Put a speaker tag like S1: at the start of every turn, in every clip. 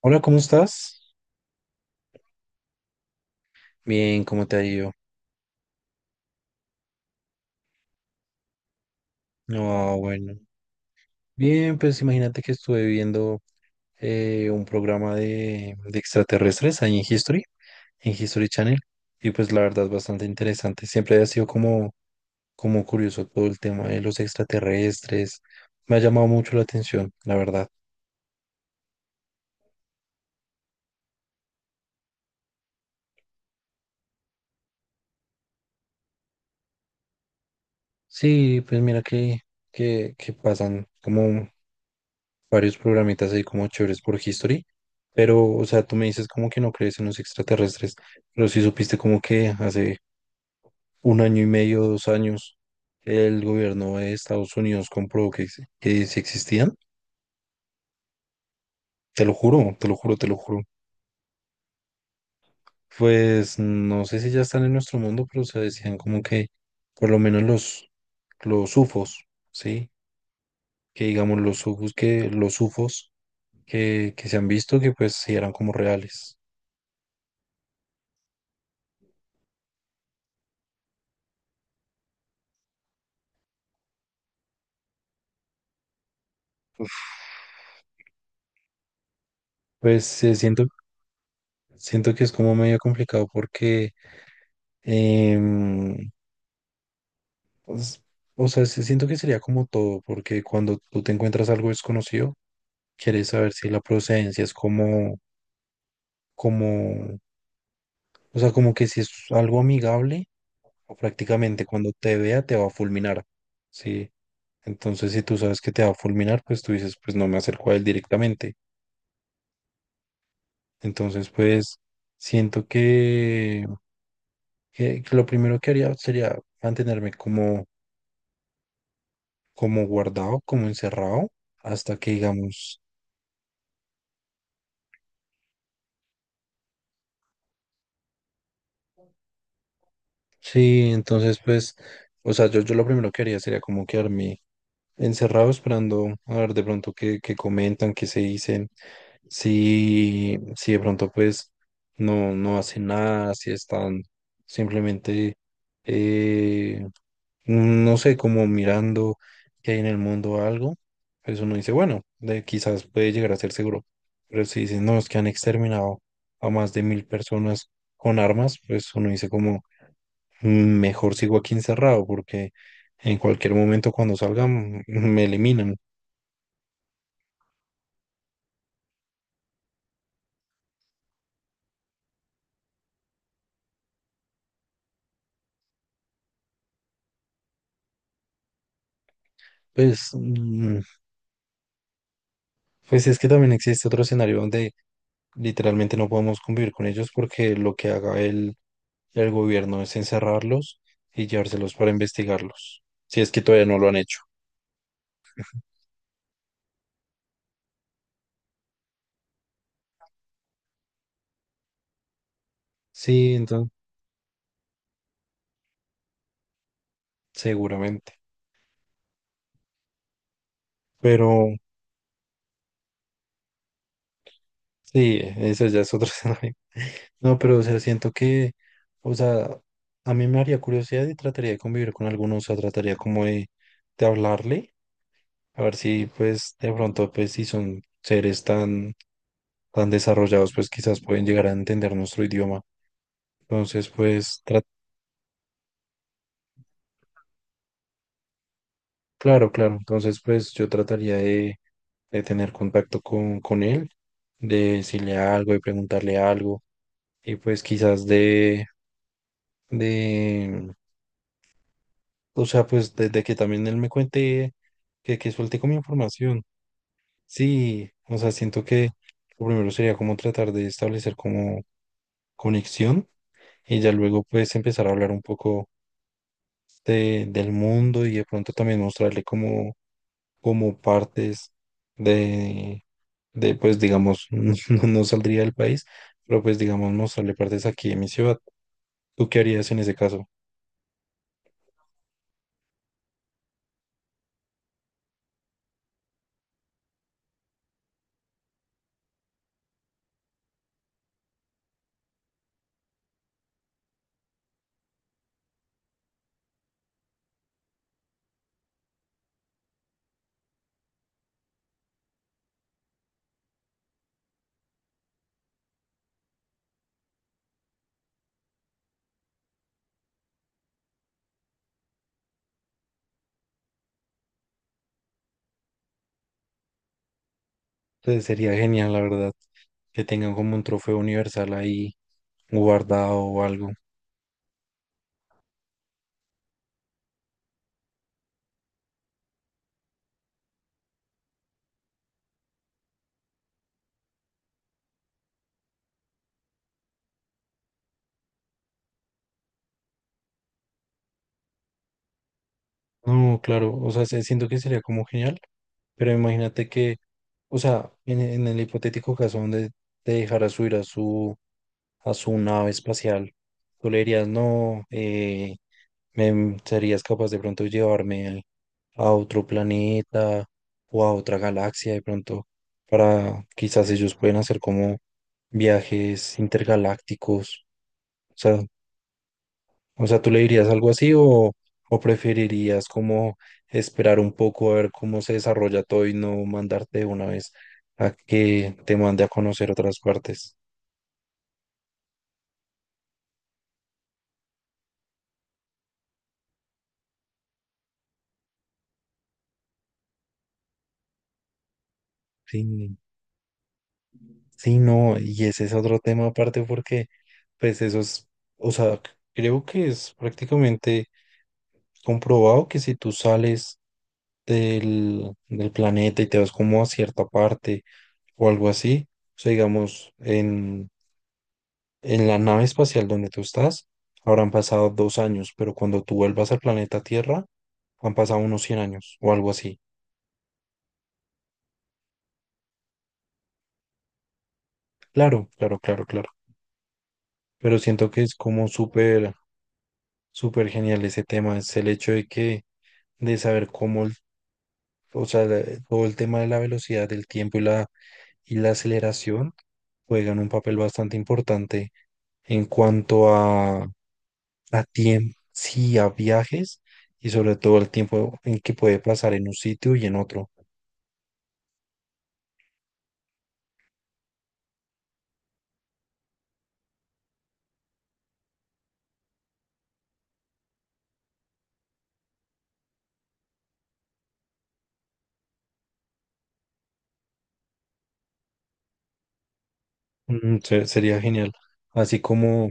S1: Hola, ¿cómo estás? Bien, ¿cómo te ha ido? No, bueno. Bien, pues imagínate que estuve viendo un programa de extraterrestres ahí en History Channel, y pues la verdad es bastante interesante. Siempre ha sido como, como curioso todo el tema de los extraterrestres. Me ha llamado mucho la atención, la verdad. Sí, pues mira que pasan como varios programitas ahí como chéveres por History, pero, o sea, tú me dices como que no crees en los extraterrestres, pero sí supiste como que hace un año y medio, dos años, el gobierno de Estados Unidos comprobó que, que sí existían, te lo juro, te lo juro, te lo juro. Pues no sé si ya están en nuestro mundo, pero se decían como que por lo menos los UFOs, ¿sí? Que digamos los UFOs los UFOs que se han visto que pues sí eran como reales. Pues eh, siento. Que es como medio complicado porque, em, pues, o sea, sí siento que sería como todo, porque cuando tú te encuentras algo desconocido, quieres saber si la procedencia es como, como, o sea, como que si es algo amigable o prácticamente cuando te vea te va a fulminar, ¿sí? Entonces, si tú sabes que te va a fulminar, pues tú dices, pues no me acerco a él directamente. Entonces, pues, siento que lo primero que haría sería mantenerme como como guardado, como encerrado, hasta que digamos, sí, entonces pues, o sea, yo lo primero que haría sería como quedarme encerrado esperando a ver de pronto qué, qué comentan, qué se dicen. Si, si de pronto pues no, no hacen nada, si están simplemente, eh, no sé, como mirando que hay en el mundo o algo, pues uno dice, bueno, de, quizás puede llegar a ser seguro. Pero si dicen, no, es que han exterminado a más de mil personas con armas, pues uno dice como, "Mm, mejor sigo aquí encerrado porque en cualquier momento cuando salgan me eliminan". Pues, pues es que también existe otro escenario donde literalmente no podemos convivir con ellos porque lo que haga el gobierno es encerrarlos y llevárselos para investigarlos, si es que todavía no lo han hecho. Sí, entonces, seguramente. Pero sí, eso ya es otro escenario. No, pero o sea, siento que, o sea, a mí me haría curiosidad y trataría de convivir con algunos, o sea, trataría como de hablarle, a ver si pues de pronto, pues si son seres tan, tan desarrollados, pues quizás pueden llegar a entender nuestro idioma. Entonces, pues claro, claro. Entonces, pues yo trataría de tener contacto con él, de decirle algo, de preguntarle algo, y pues quizás de, o sea, pues desde que también él me cuente, que suelte como información. Sí, o sea, siento que lo primero sería como tratar de establecer como conexión y ya luego pues empezar a hablar un poco del mundo y de pronto también mostrarle como como partes de, de pues digamos, no, no saldría del país, pero pues digamos mostrarle partes aquí de mi ciudad. ¿Tú qué harías en ese caso? Entonces sería genial, la verdad, que tengan como un trofeo universal ahí guardado o algo. No, claro, o sea, siento que sería como genial, pero imagínate que, o sea, en el hipotético caso donde te dejara subir a a su nave espacial, tú le dirías, no, ¿serías capaz de pronto llevarme a otro planeta o a otra galaxia de pronto para quizás ellos pueden hacer como viajes intergalácticos? O sea, o sea, ¿tú le dirías algo así o preferirías como esperar un poco a ver cómo se desarrolla todo y no mandarte de una vez a que te mande a conocer otras partes? Sí. Sí, no, y ese es otro tema aparte porque, pues eso es, o sea, creo que es prácticamente comprobado que si tú sales del planeta y te vas como a cierta parte o algo así, o sea, digamos, en la nave espacial donde tú estás, habrán pasado dos años, pero cuando tú vuelvas al planeta Tierra, han pasado unos 100 años o algo así. Claro, claro, claro, claro. Pero siento que es como súper, súper genial ese tema, es el hecho de que de saber cómo, o sea, todo el tema de la velocidad, del tiempo y la aceleración juegan un papel bastante importante en cuanto a tiempo, sí, a viajes y sobre todo el tiempo en que puede pasar en un sitio y en otro. Mm, sería genial. Así como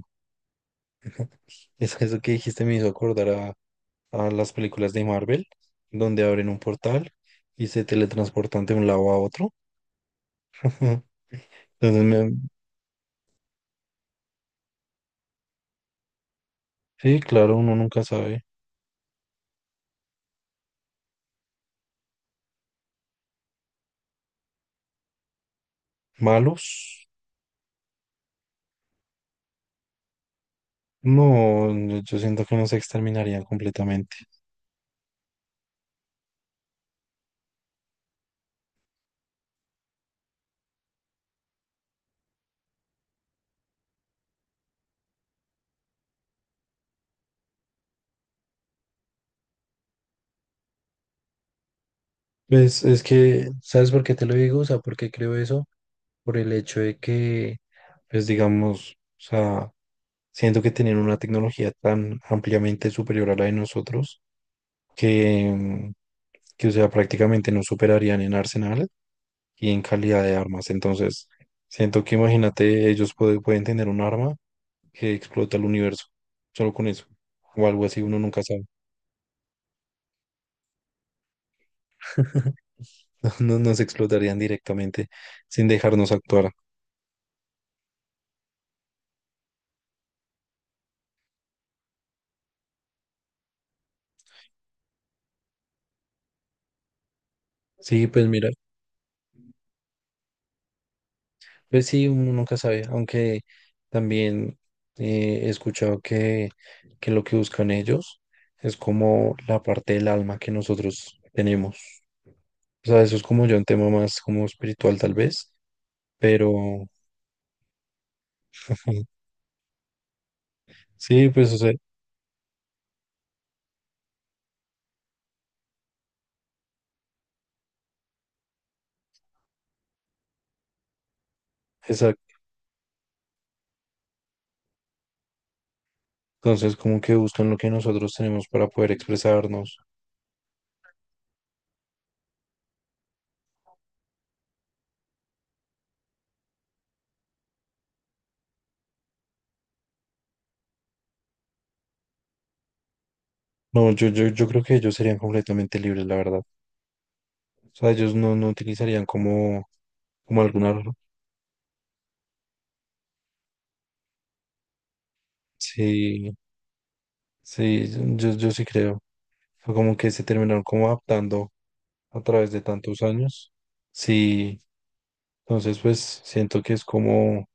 S1: es que eso que dijiste me hizo acordar a las películas de Marvel, donde abren un portal y se teletransportan de un lado a otro. Entonces, me- sí, claro, uno nunca sabe. ¿Malos? No, no, yo siento que no se exterminarían completamente. Pues es que, ¿sabes por qué te lo digo? O sea, ¿por qué creo eso? Por el hecho de que, pues digamos, o sea, siento que tienen una tecnología tan ampliamente superior a la de nosotros que, o sea, prácticamente nos superarían en arsenal y en calidad de armas. Entonces, siento que imagínate, ellos pueden tener un arma que explota el universo, solo con eso, o algo así, uno nunca sabe. Nos explotarían directamente sin dejarnos actuar. Sí, pues mira, pues sí, uno nunca sabe, aunque también he escuchado que lo que buscan ellos es como la parte del alma que nosotros tenemos. O sea, eso es como ya un tema más como espiritual tal vez, pero sí, pues o sea, exacto. Entonces como que buscan lo que nosotros tenemos para poder expresarnos. No, yo creo que ellos serían completamente libres, la verdad. O sea, ellos no, no utilizarían como como sí, sí, yo sí creo. Fue como que se terminaron como adaptando a través de tantos años. Sí, entonces pues siento que es como,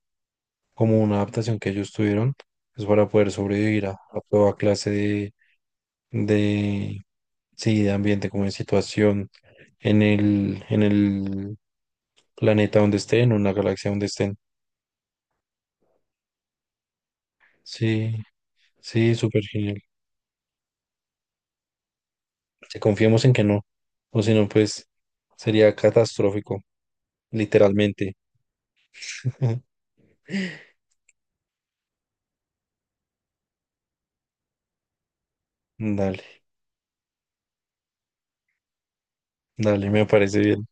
S1: como una adaptación que ellos tuvieron, pues para poder sobrevivir a toda clase de, sí, de ambiente, como de situación en el planeta donde estén, en una galaxia donde estén. Sí, sí, súper genial. Si confiemos en que no, o si no, pues sería catastrófico. Literalmente. Dale, dale, me parece bien.